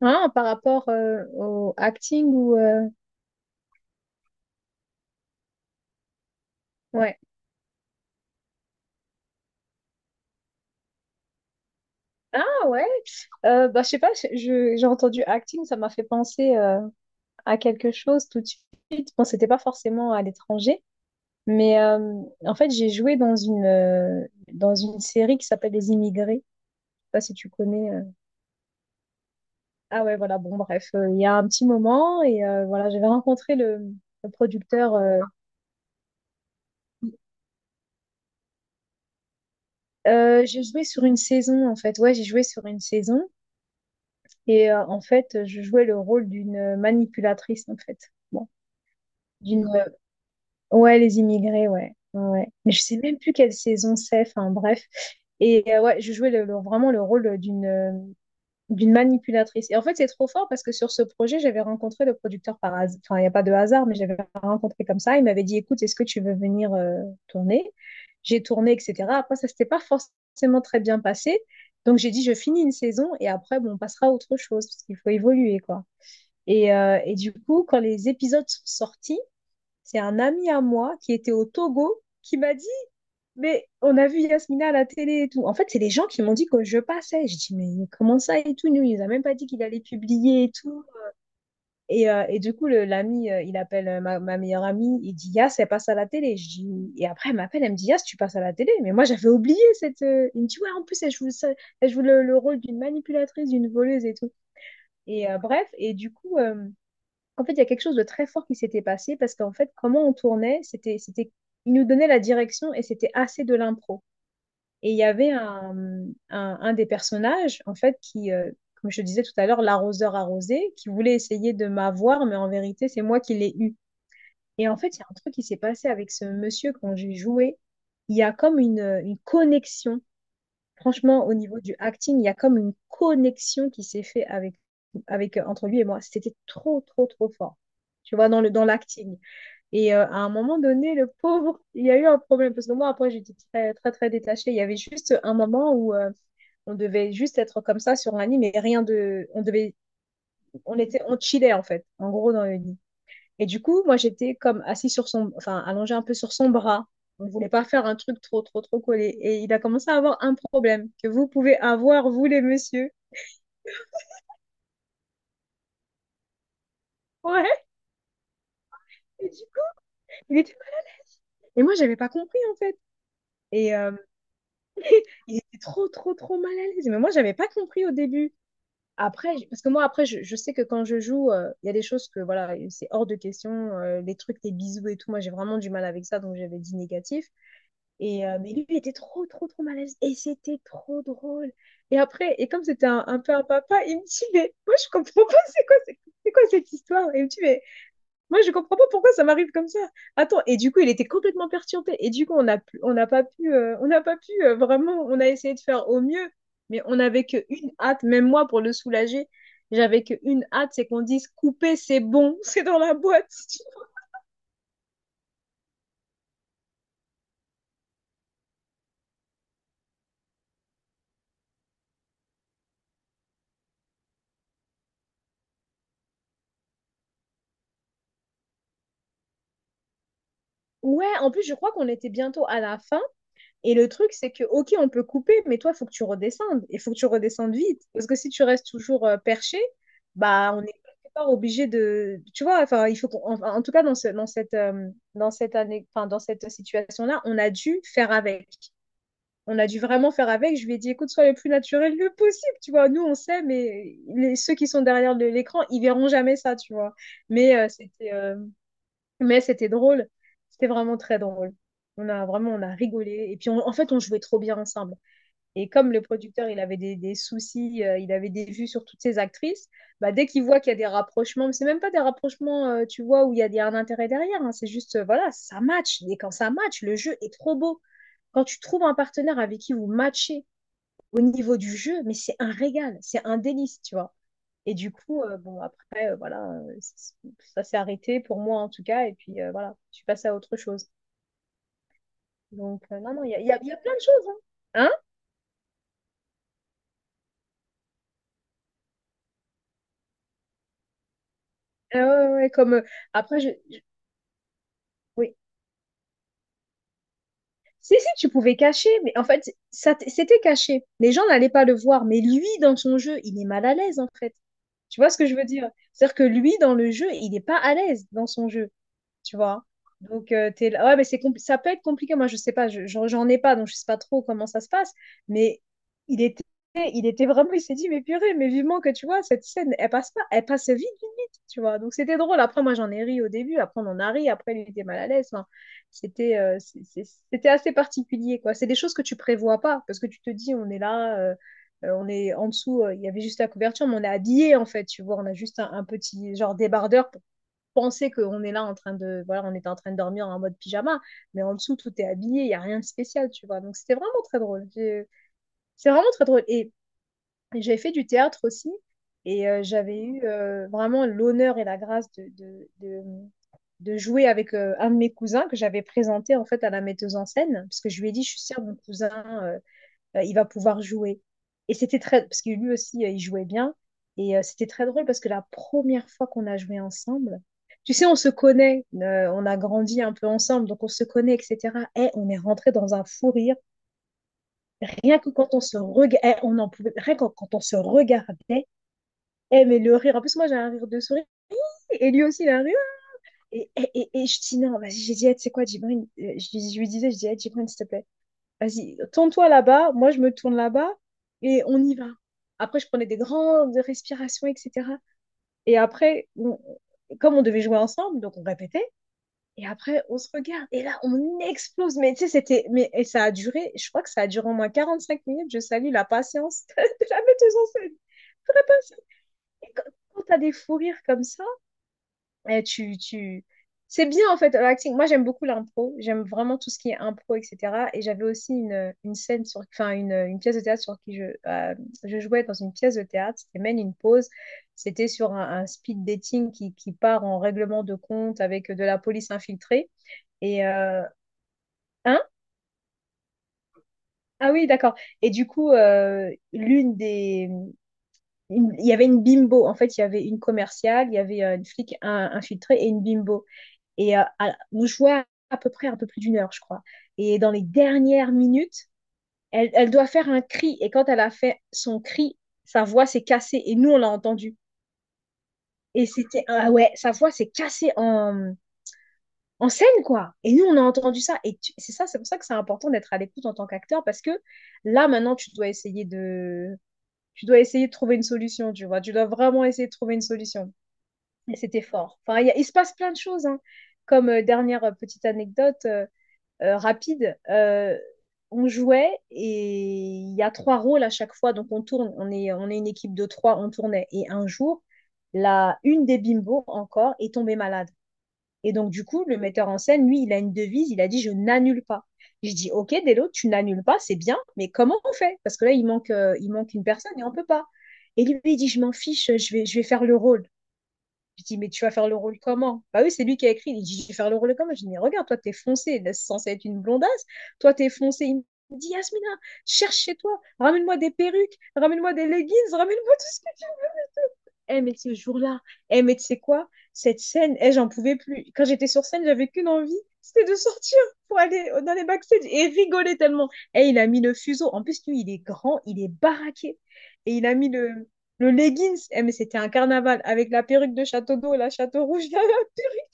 Ah, par rapport au acting ou ouais. Ah ouais, bah je sais pas, j'ai entendu acting, ça m'a fait penser à quelque chose tout de suite. Bon, c'était pas forcément à l'étranger, mais en fait, j'ai joué dans une série qui s'appelle Les Immigrés. Je sais pas si tu connais. Ah ouais, voilà, bon bref, il y a un petit moment et voilà, j'avais rencontré le producteur j'ai joué sur une saison en fait. Ouais, j'ai joué sur une saison. Et en fait, je jouais le rôle d'une manipulatrice, en fait. Bon, d'une, euh, ouais, les immigrés, ouais, ouais. Mais je sais même plus quelle saison c'est. Enfin, bref. Et ouais, je jouais vraiment le rôle d'une manipulatrice. Et en fait, c'est trop fort parce que sur ce projet, j'avais rencontré le producteur par hasard. Enfin, il n'y a pas de hasard, mais j'avais rencontré comme ça. Il m'avait dit, écoute, est-ce que tu veux venir tourner? J'ai tourné, etc. Après, ça s'était pas forcément très bien passé. Donc, j'ai dit, je finis une saison et après, bon, on passera à autre chose parce qu'il faut évoluer, quoi. Et du coup, quand les épisodes sont sortis, c'est un ami à moi qui était au Togo qui m'a dit, mais on a vu Yasmina à la télé et tout. En fait, c'est les gens qui m'ont dit que je passais. Je dis, mais comment ça et tout? Nous, il nous a même pas dit qu'il allait publier et tout. Et du coup, l'ami, il appelle ma meilleure amie, il dit, Yas, elle passe à la télé. Je dis, et après, elle m'appelle, elle me dit, Yas, tu passes à la télé. Mais moi, j'avais oublié cette. Il me dit, ouais, en plus, elle joue, elle joue le rôle d'une manipulatrice, d'une voleuse et tout. Et bref, et du coup, en fait, il y a quelque chose de très fort qui s'était passé parce qu'en fait, comment on tournait, il nous donnait la direction et c'était assez de l'impro. Et il y avait un des personnages, en fait, comme je te disais tout à l'heure, l'arroseur arrosé, qui voulait essayer de m'avoir, mais en vérité, c'est moi qui l'ai eu. Et en fait, il y a un truc qui s'est passé avec ce monsieur quand j'ai joué. Il y a comme une connexion. Franchement, au niveau du acting, il y a comme une connexion qui s'est faite avec, avec, entre lui et moi. C'était trop, trop, trop fort. Tu vois, dans dans l'acting. Et à un moment donné, le pauvre, il y a eu un problème. Parce que moi, après, j'étais très, très, très détachée. Il y avait juste un moment où on devait juste être comme ça sur un lit, mais rien de. On devait, on était, on chillait, en fait, en gros, dans le lit. Et du coup, moi, j'étais comme assis sur son, enfin, allongée un peu sur son bras. On ne voulait pas faire un truc trop, trop, trop collé. Et il a commencé à avoir un problème que vous pouvez avoir, vous, les messieurs. Ouais, et du coup, il était... Et moi, j'avais pas compris, en fait. Et il était trop, trop, trop mal à l'aise. Mais moi, j'avais pas compris au début. Après, parce que moi, après, je sais que quand je joue, il y a des choses que, voilà, c'est hors de question. Les trucs, les bisous et tout, moi, j'ai vraiment du mal avec ça, donc j'avais dit négatif. Et, mais lui, il était trop, trop, trop mal à l'aise. Et c'était trop drôle. Et après, et comme c'était un peu un papa, il me dit, mais moi, je comprends pas, c'est quoi, c'est quoi cette histoire? Et il me dit, mais moi, je comprends pas pourquoi ça m'arrive comme ça. Attends, et du coup, il était complètement perturbé. Et du coup, on n'a pas pu, on n'a pas pu vraiment, on a essayé de faire au mieux, mais on n'avait qu'une hâte, même moi, pour le soulager, j'avais qu'une hâte, c'est qu'on dise, couper, c'est bon, c'est dans la boîte. Ouais, en plus, je crois qu'on était bientôt à la fin. Et le truc, c'est que, ok, on peut couper, mais toi, il faut que tu redescendes. Et il faut que tu redescendes vite. Parce que si tu restes toujours perché, bah, on est quelque part obligé de. Tu vois, enfin, il faut en, en tout cas, dans cette, dans cette année, enfin, dans cette situation-là, on a dû faire avec. On a dû vraiment faire avec. Je lui ai dit, écoute, sois le plus naturel le possible. Tu vois, nous, on sait, mais ceux qui sont derrière l'écran, ils verront jamais ça, tu vois. Mais c'était. Mais c'était drôle. C'était vraiment très drôle. On a vraiment, on a rigolé. Et puis, en fait, on jouait trop bien ensemble. Et comme le producteur, il avait des soucis, il avait des vues sur toutes ces actrices, bah, dès qu'il voit qu'il y a des rapprochements, mais c'est même pas des rapprochements, tu vois, où il y a un intérêt derrière, hein. C'est juste, voilà, ça match. Et quand ça match, le jeu est trop beau. Quand tu trouves un partenaire avec qui vous matchez au niveau du jeu, mais c'est un régal, c'est un délice, tu vois. Et du coup, bon, après, voilà, ça s'est arrêté pour moi en tout cas. Et puis voilà, je suis passée à autre chose. Donc, non, non, il y a plein de choses. Hein? Hein? Ouais, ouais, ouais, comme après, je... oui. Si, si, tu pouvais cacher, mais en fait, c'était caché. Les gens n'allaient pas le voir, mais lui, dans son jeu, il est mal à l'aise en fait. Tu vois ce que je veux dire? C'est-à-dire que lui, dans le jeu, il n'est pas à l'aise dans son jeu. Tu vois. Donc, t'es là. Ouais, mais ça peut être compliqué. Moi, je sais pas, j'en ai pas, donc je sais pas trop comment ça se passe. Mais il était, il était vraiment, il s'est dit, mais purée, mais vivement que tu vois, cette scène, elle passe pas, elle passe vite, vite, vite, tu vois. Donc, c'était drôle. Après, moi, j'en ai ri au début, après, on en a ri, après, il était mal à l'aise. Enfin, c'était, euh, c'est- c'est- c'était assez particulier, quoi. C'est des choses que tu prévois pas, parce que tu te dis, on est là, on est en dessous, il y avait juste la couverture, mais on est habillé en fait, tu vois. On a juste un petit genre débardeur, penser qu'on est là en train de, voilà, on était en train de dormir en mode pyjama, mais en dessous, tout est habillé, il n'y a rien de spécial, tu vois. Donc, c'était vraiment très drôle. C'est vraiment très drôle. Et j'avais fait du théâtre aussi, et j'avais eu vraiment l'honneur et la grâce de jouer avec un de mes cousins que j'avais présenté, en fait, à la metteuse en scène, parce que je lui ai dit, je suis sœur de mon cousin, il va pouvoir jouer. Et c'était très, parce que lui aussi, il jouait bien. Et c'était très drôle parce que la première fois qu'on a joué ensemble, tu sais, on se connaît, on a grandi un peu ensemble, donc on se connaît, etc. Et on est rentré dans un fou rire. Rien que quand on se regardait, on en pouvait, rien que quand on se regardait, eh, mais le rire, en plus, moi, j'ai un rire de souris. Et lui aussi, il a un rire. Et, je dis, non, vas-y, j'ai dit, eh, tu sais quoi, Djibril, je lui disais, je dis, eh, Djibril, s'il te plaît, vas-y, tourne-toi là-bas, moi je me tourne là-bas et on y va. Après, je prenais des grandes respirations, etc. Et après, comme on devait jouer ensemble, donc on répétait. Et après, on se regarde. Et là, on explose. Mais tu sais, c'était. Mais et ça a duré, je crois que ça a duré au moins 45 minutes. Je salue la patience de la metteuse en scène. Très patiente. Et quand, tu as des fous rires comme ça, et tu... C'est bien en fait l'acting. Moi j'aime beaucoup l'impro, j'aime vraiment tout ce qui est impro, etc. Et j'avais aussi une scène sur, enfin une pièce de théâtre sur qui je jouais dans une pièce de théâtre, c'était mène une Pause. C'était sur un speed dating qui part en règlement de compte avec de la police infiltrée. Et hein? Ah oui, d'accord. Et du coup, l'une des, il y avait une bimbo. En fait, il y avait une commerciale, il y avait une flic infiltrée et une bimbo. Et on jouait à peu près un peu plus d'une heure, je crois. Et dans les dernières minutes, elle doit faire un cri. Et quand elle a fait son cri, sa voix s'est cassée. Et nous, on l'a entendu. Et c'était, ah ouais, sa voix s'est cassée en scène, quoi. Et nous, on a entendu ça. C'est ça, c'est pour ça que c'est important d'être à l'écoute en tant qu'acteur, parce que là, maintenant, tu dois essayer de trouver une solution, tu vois. Tu dois vraiment essayer de trouver une solution. Et c'était fort. Enfin, il se passe plein de choses, hein. Comme dernière petite anecdote, rapide, on jouait et il y a trois rôles à chaque fois. Donc on tourne, on est une équipe de trois, on tournait. Et un jour, une des bimbos encore est tombée malade. Et donc du coup, le metteur en scène, lui, il a une devise, il a dit je n'annule pas. Je dis ok Delo, tu n'annules pas, c'est bien, mais comment on fait? Parce que là, il manque une personne et on ne peut pas. Et lui, il dit je m'en fiche, je vais faire le rôle. Je dis, mais tu vas faire le rôle comment? Bah oui, c'est lui qui a écrit. Il dit, je vais faire le rôle comment? Je dis, mais regarde, toi, t'es foncé. C'est censé être une blondasse. Toi, t'es foncé. Il me dit, Yasmina, cherche chez toi. Ramène-moi des perruques. Ramène-moi des leggings. Ramène-moi tout ce que eh, mais ce jour-là, eh, mais tu sais quoi? Cette scène, eh, j'en pouvais plus. Quand j'étais sur scène, j'avais qu'une envie, c'était de sortir pour aller dans les backstage et rigoler tellement. Eh, il a mis le fuseau. En plus, lui, il est grand, il est baraqué. Et il a mis le leggings. Eh, mais c'était un carnaval avec la perruque de Château d'eau, la Château Rouge, la perruque.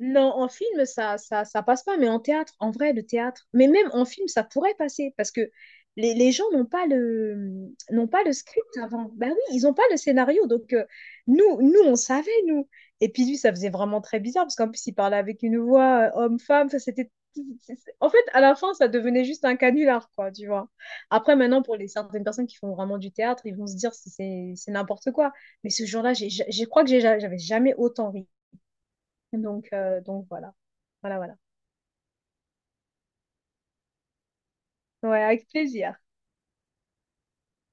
Non, en film, ça passe pas, mais en théâtre, en vrai, le théâtre, mais même en film, ça pourrait passer parce que les gens n'ont pas n'ont pas le script avant. Bah oui, ils n'ont pas le scénario. Donc, nous, on savait, nous. Et puis, lui, ça faisait vraiment très bizarre parce qu'en plus, il parlait avec une voix homme-femme. Enfin, c'était. En fait, à la fin, ça devenait juste un canular, quoi, tu vois. Après, maintenant, pour les certaines personnes qui font vraiment du théâtre, ils vont se dire c'est n'importe quoi. Mais ce jour-là, j'ai, ja, j'ai- je crois que j'ai- ja, j'avais jamais autant ri. Donc voilà. Voilà, voilà. Ouais, avec plaisir.